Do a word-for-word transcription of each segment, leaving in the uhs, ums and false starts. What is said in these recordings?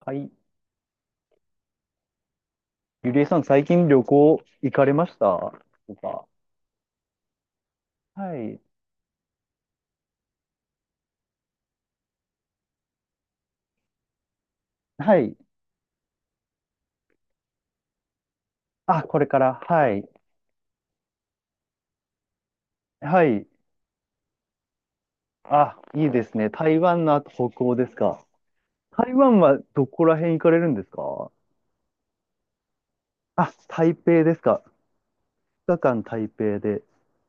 はい。ゆりえさん、最近旅行行かれましたとか？はい。はい。あ、これから。はい。はい。あ、いいですね。台湾の後、北欧ですか？台湾はどこら辺行かれるんですか？あ、台北ですか？ふつかかん台北で。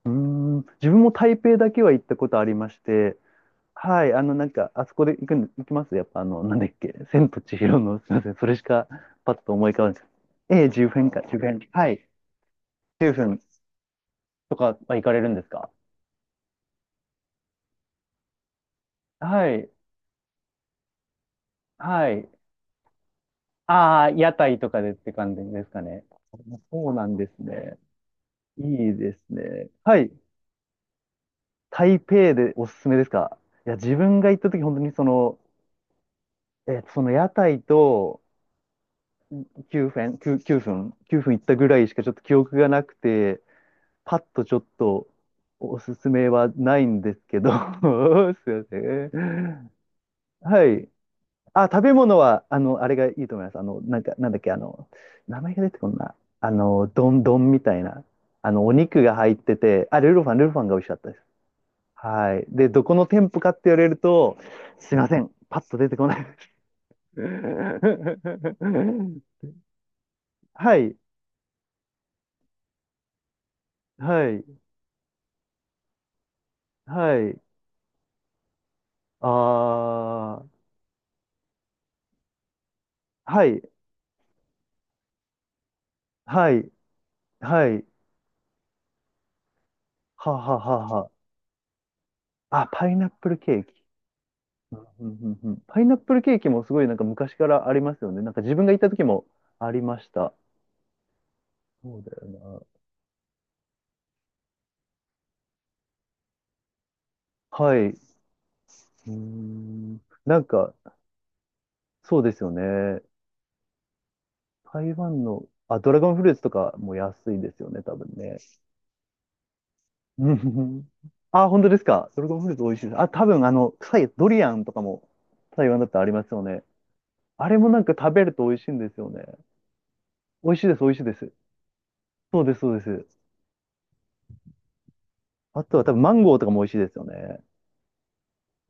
うーん。自分も台北だけは行ったことありまして。はい。あの、なんか、あそこで行くん、行きますやっぱ、あの、なんだっけ。千と千尋の、すみません。それしか、パッと思い浮かばないです。ええ、じゅっぷんか、じゅっぷん。はい。じゅっぷん。とかは行かれるんですか？はい。はい。ああ、屋台とかでって感じですかね。そうなんですね。いいですね。はい。台北でおすすめですか？いや、自分が行った時、本当にその、えーとその屋台ときゅうふん、きゅう、きゅうふん、きゅうふん行ったぐらいしかちょっと記憶がなくて、パッとちょっとおすすめはないんですけど、すいません。はい。あ、食べ物は、あの、あれがいいと思います。あの、なんか、なんだっけ、あの、名前が出てこんな。あの、丼、丼みたいな。あの、お肉が入ってて、あ、ルルファン、ルルファンが美味しかったです。はい。で、どこの店舗かって言われると、すいません。パッと出てこないです。はい。はい。はい。あー。はい。はい。はい。はははは。あ、パイナップルケーキ。うんうんうんうん、パイナップルケーキもすごいなんか昔からありますよね。なんか自分が行った時もありました。そうだよな。はい。うーん。なんか、そうですよね。台湾の、あ、ドラゴンフルーツとかも安いですよね、多分ね。うんうんうん。あ、本当ですか。ドラゴンフルーツ美味しいです。あ、多分あの、臭いドリアンとかも台湾だったらありますよね。あれもなんか食べると美味しいんですよね。美味しいです、美味しいです。そうです、そうです。あとは多分マンゴーとかも美味しいですよね。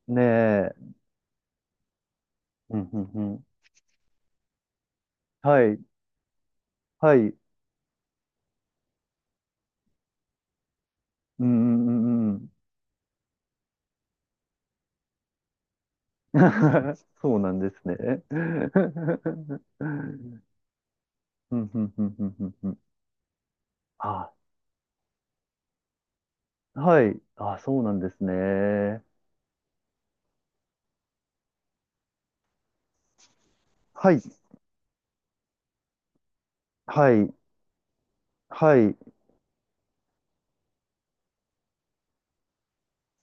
ねえ。うんうんうん。はい、はい、うんうんうんうん。そうなんですね。うんうんうんうんうんうん。あ、はい、あ、そうなんですね。はい、はい、はい、うん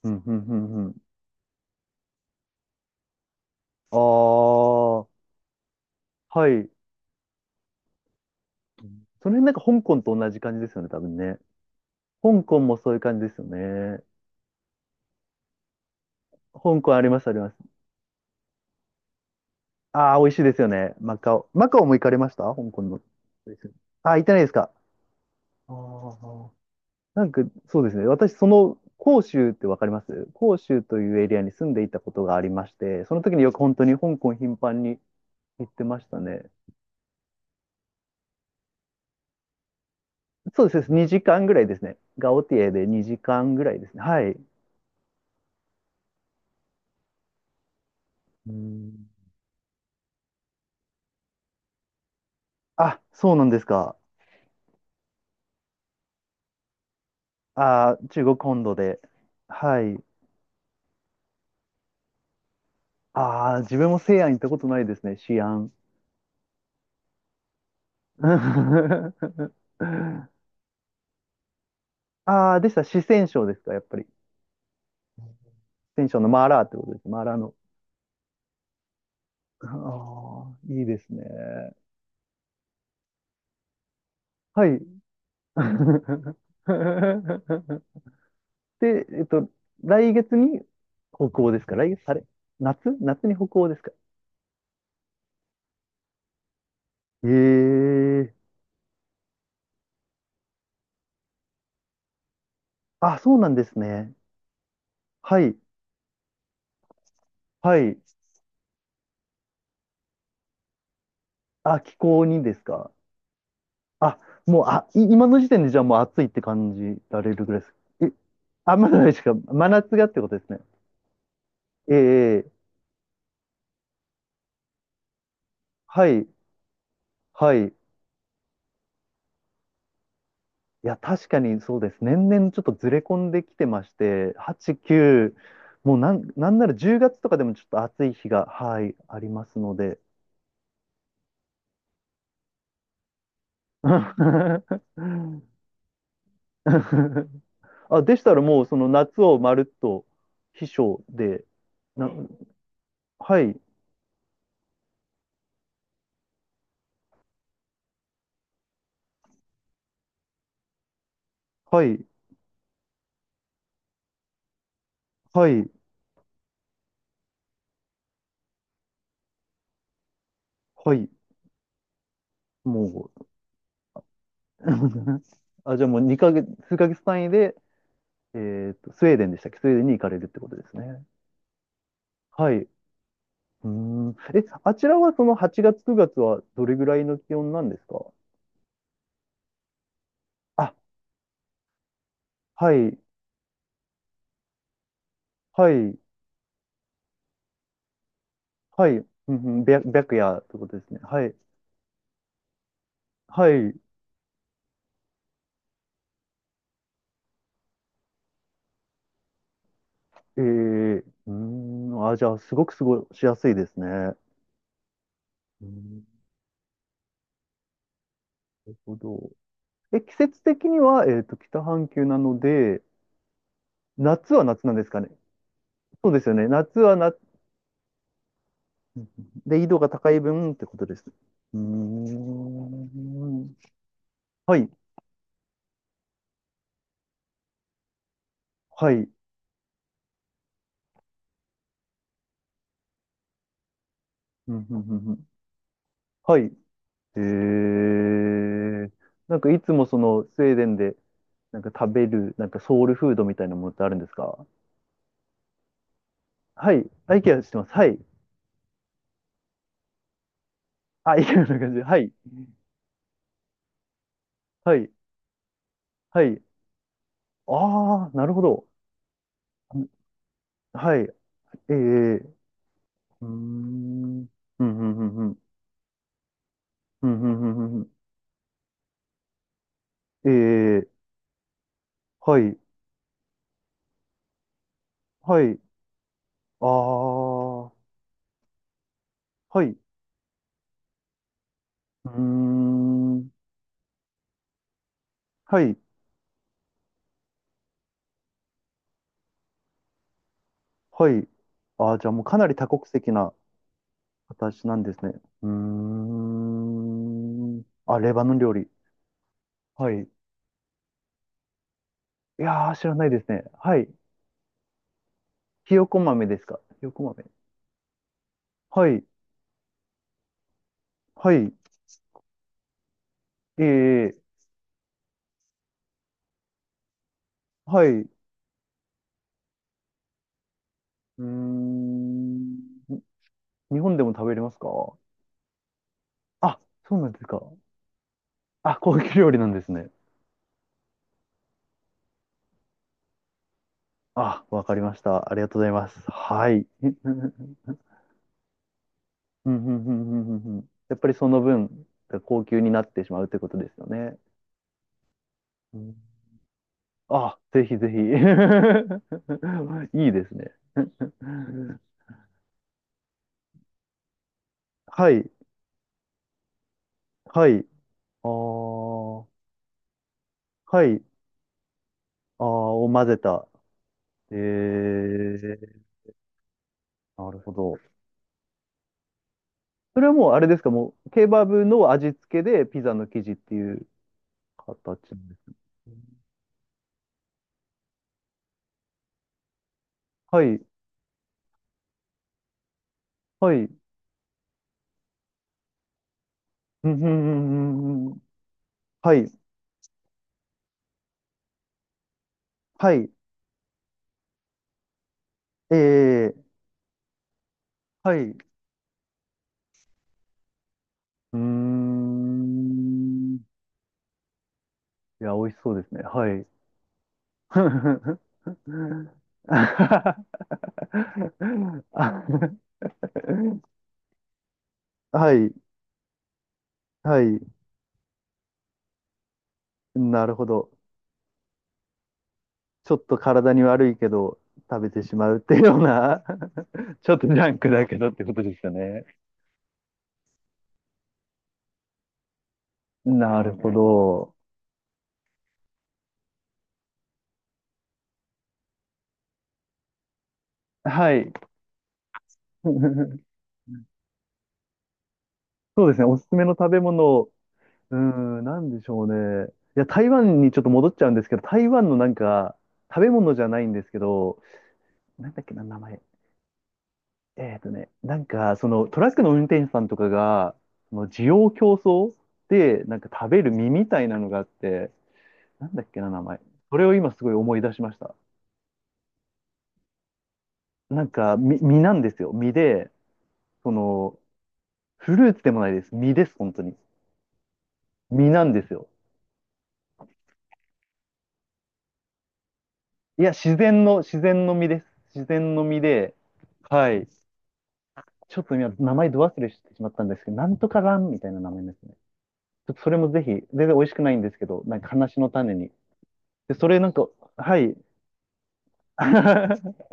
うんうんうん。ああ、はい。その辺なんか香港と同じ感じですよね、多分ね。香港もそういう感じですよね。香港あります、あります。ああ、美味しいですよね。マカオ。マカオも行かれました香港の。ああ、行ってないですか。ああ。なんか、そうですね。私、その、広州ってわかります？広州というエリアに住んでいたことがありまして、その時によく本当に香港頻繁に行ってましたね。そうです。にじかんぐらいですね。ガオティエでにじかんぐらいですね。はい。うん。あ、そうなんですか。あー、中国本土で。はい。ああ、自分も西安行ったことないですね。西安。ああ、でした。四川省ですか、やっぱり。四川省のマーラーってことです。マーラーの。ああ、いいですね。はい。で、えっと、来月に北欧ですか？来月、あれ、夏夏に北欧ですか？ええ。あ、そうなんですね。はい。はい。あ、気候にですか？あ、もう、あ、い今の時点でじゃあもう暑いって感じられるぐらいです。え、あ、まだないですか、真夏がってことですね。ええ。はい。はい。いや、確かにそうです。年々ちょっとずれ込んできてまして、はち、く、もうなん、なんならじゅうがつとかでもちょっと暑い日が、はい、ありますので。あ、でしたらもうその夏をまるっと秘書で、な、はい、はい、はい、はい、もう あ、じゃあもうにかげつ、数ヶ月単位で、えっと、スウェーデンでしたっけスウェーデンに行かれるってことですね。はい。うーん。え、あちらはそのはちがつ、くがつはどれぐらいの気温なんですか？あ、はい、はい、はい、うんうん、白白夜ってことですね。はい、はい、えー、うーん、あ、じゃあ、すごく過ごしやすいですね。うーん、なるほど。え、季節的には、えっと、北半球なので、夏は夏なんですかね。そうですよね。夏は夏、うんうん、で、緯度が高い分ってことです。うーん。はい、はい、うんうんうんうん、はい。へえ。なんかいつもそのスウェーデンでなんか食べるなんかソウルフードみたいなものってあるんですか？はい。あ、イケアしてます。はい。あ、イケアな感じで。はい。はい。はい。ああ、なるほど。はい。ええ。うーん。うん、うん、うん、うん。うん、うん、うん、うんうん、ええ。はい。はい。ああ。はい。うーん。はい。はい。ああ、じゃあもうかなり多国籍な。形なんですね。うーん。あ、レバノン料理。はい。いやー、知らないですね。はい。ひよこ豆ですか。ひよこ豆。はい。はい。ええ。はい。うーん。日本でも食べれますか？あ、そうなんですか。あ、高級料理なんですね。あ、わかりました。ありがとうございます。はい。うんうんうんうんうんうん、やっぱりその分、高級になってしまうということですよね。うん。あ、ぜひぜひ。いいですね。はい、はい、あー、はい、あーを混ぜた。えー、なるほど。それはもうあれですか、もうケバブの味付けでピザの生地っていう形なんですね。はい、はい、うんうんうんうんうん、はい、はい、えー、はい、うーん。いや、美味しそうですね。はい。あ はい、はい、なるほど。ちょっと体に悪いけど食べてしまうっていうような ちょっとジャンクだけどってことですよね。なるほねど。はい。そうですね、おすすめの食べ物、うーん、なんでしょうね。いや、台湾にちょっと戻っちゃうんですけど、台湾のなんか、食べ物じゃないんですけど、なんだっけな、名前。えっとね、なんか、そのトラックの運転手さんとかが、その需要競争で、なんか食べる実みたいなのがあって、なんだっけな、名前。それを今すごい思い出しました。なんか、実、実なんですよ。実で、その、フルーツでもないです。実です、本当に。実なんですよ。いや、自然の、自然の実です。自然の実で、はい。ちょっと今、名前ど忘れしてしまったんですけど、なんとかランみたいな名前ですね。ちょっとそれもぜひ、全然美味しくないんですけど、なんか話の種に。で、それなんか、はい、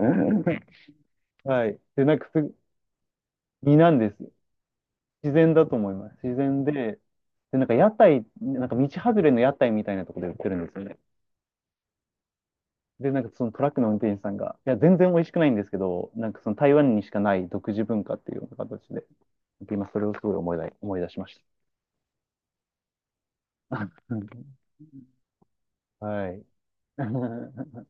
はい。で、なんかす、身なんです。自然だと思います。自然で、で、なんか屋台、なんか道外れの屋台みたいなところで売ってるんですよね。で、なんかそのトラックの運転手さんが、いや、全然美味しくないんですけど、なんかその台湾にしかない独自文化っていうような形で、今それをすごい思い出、思い出しました。はい。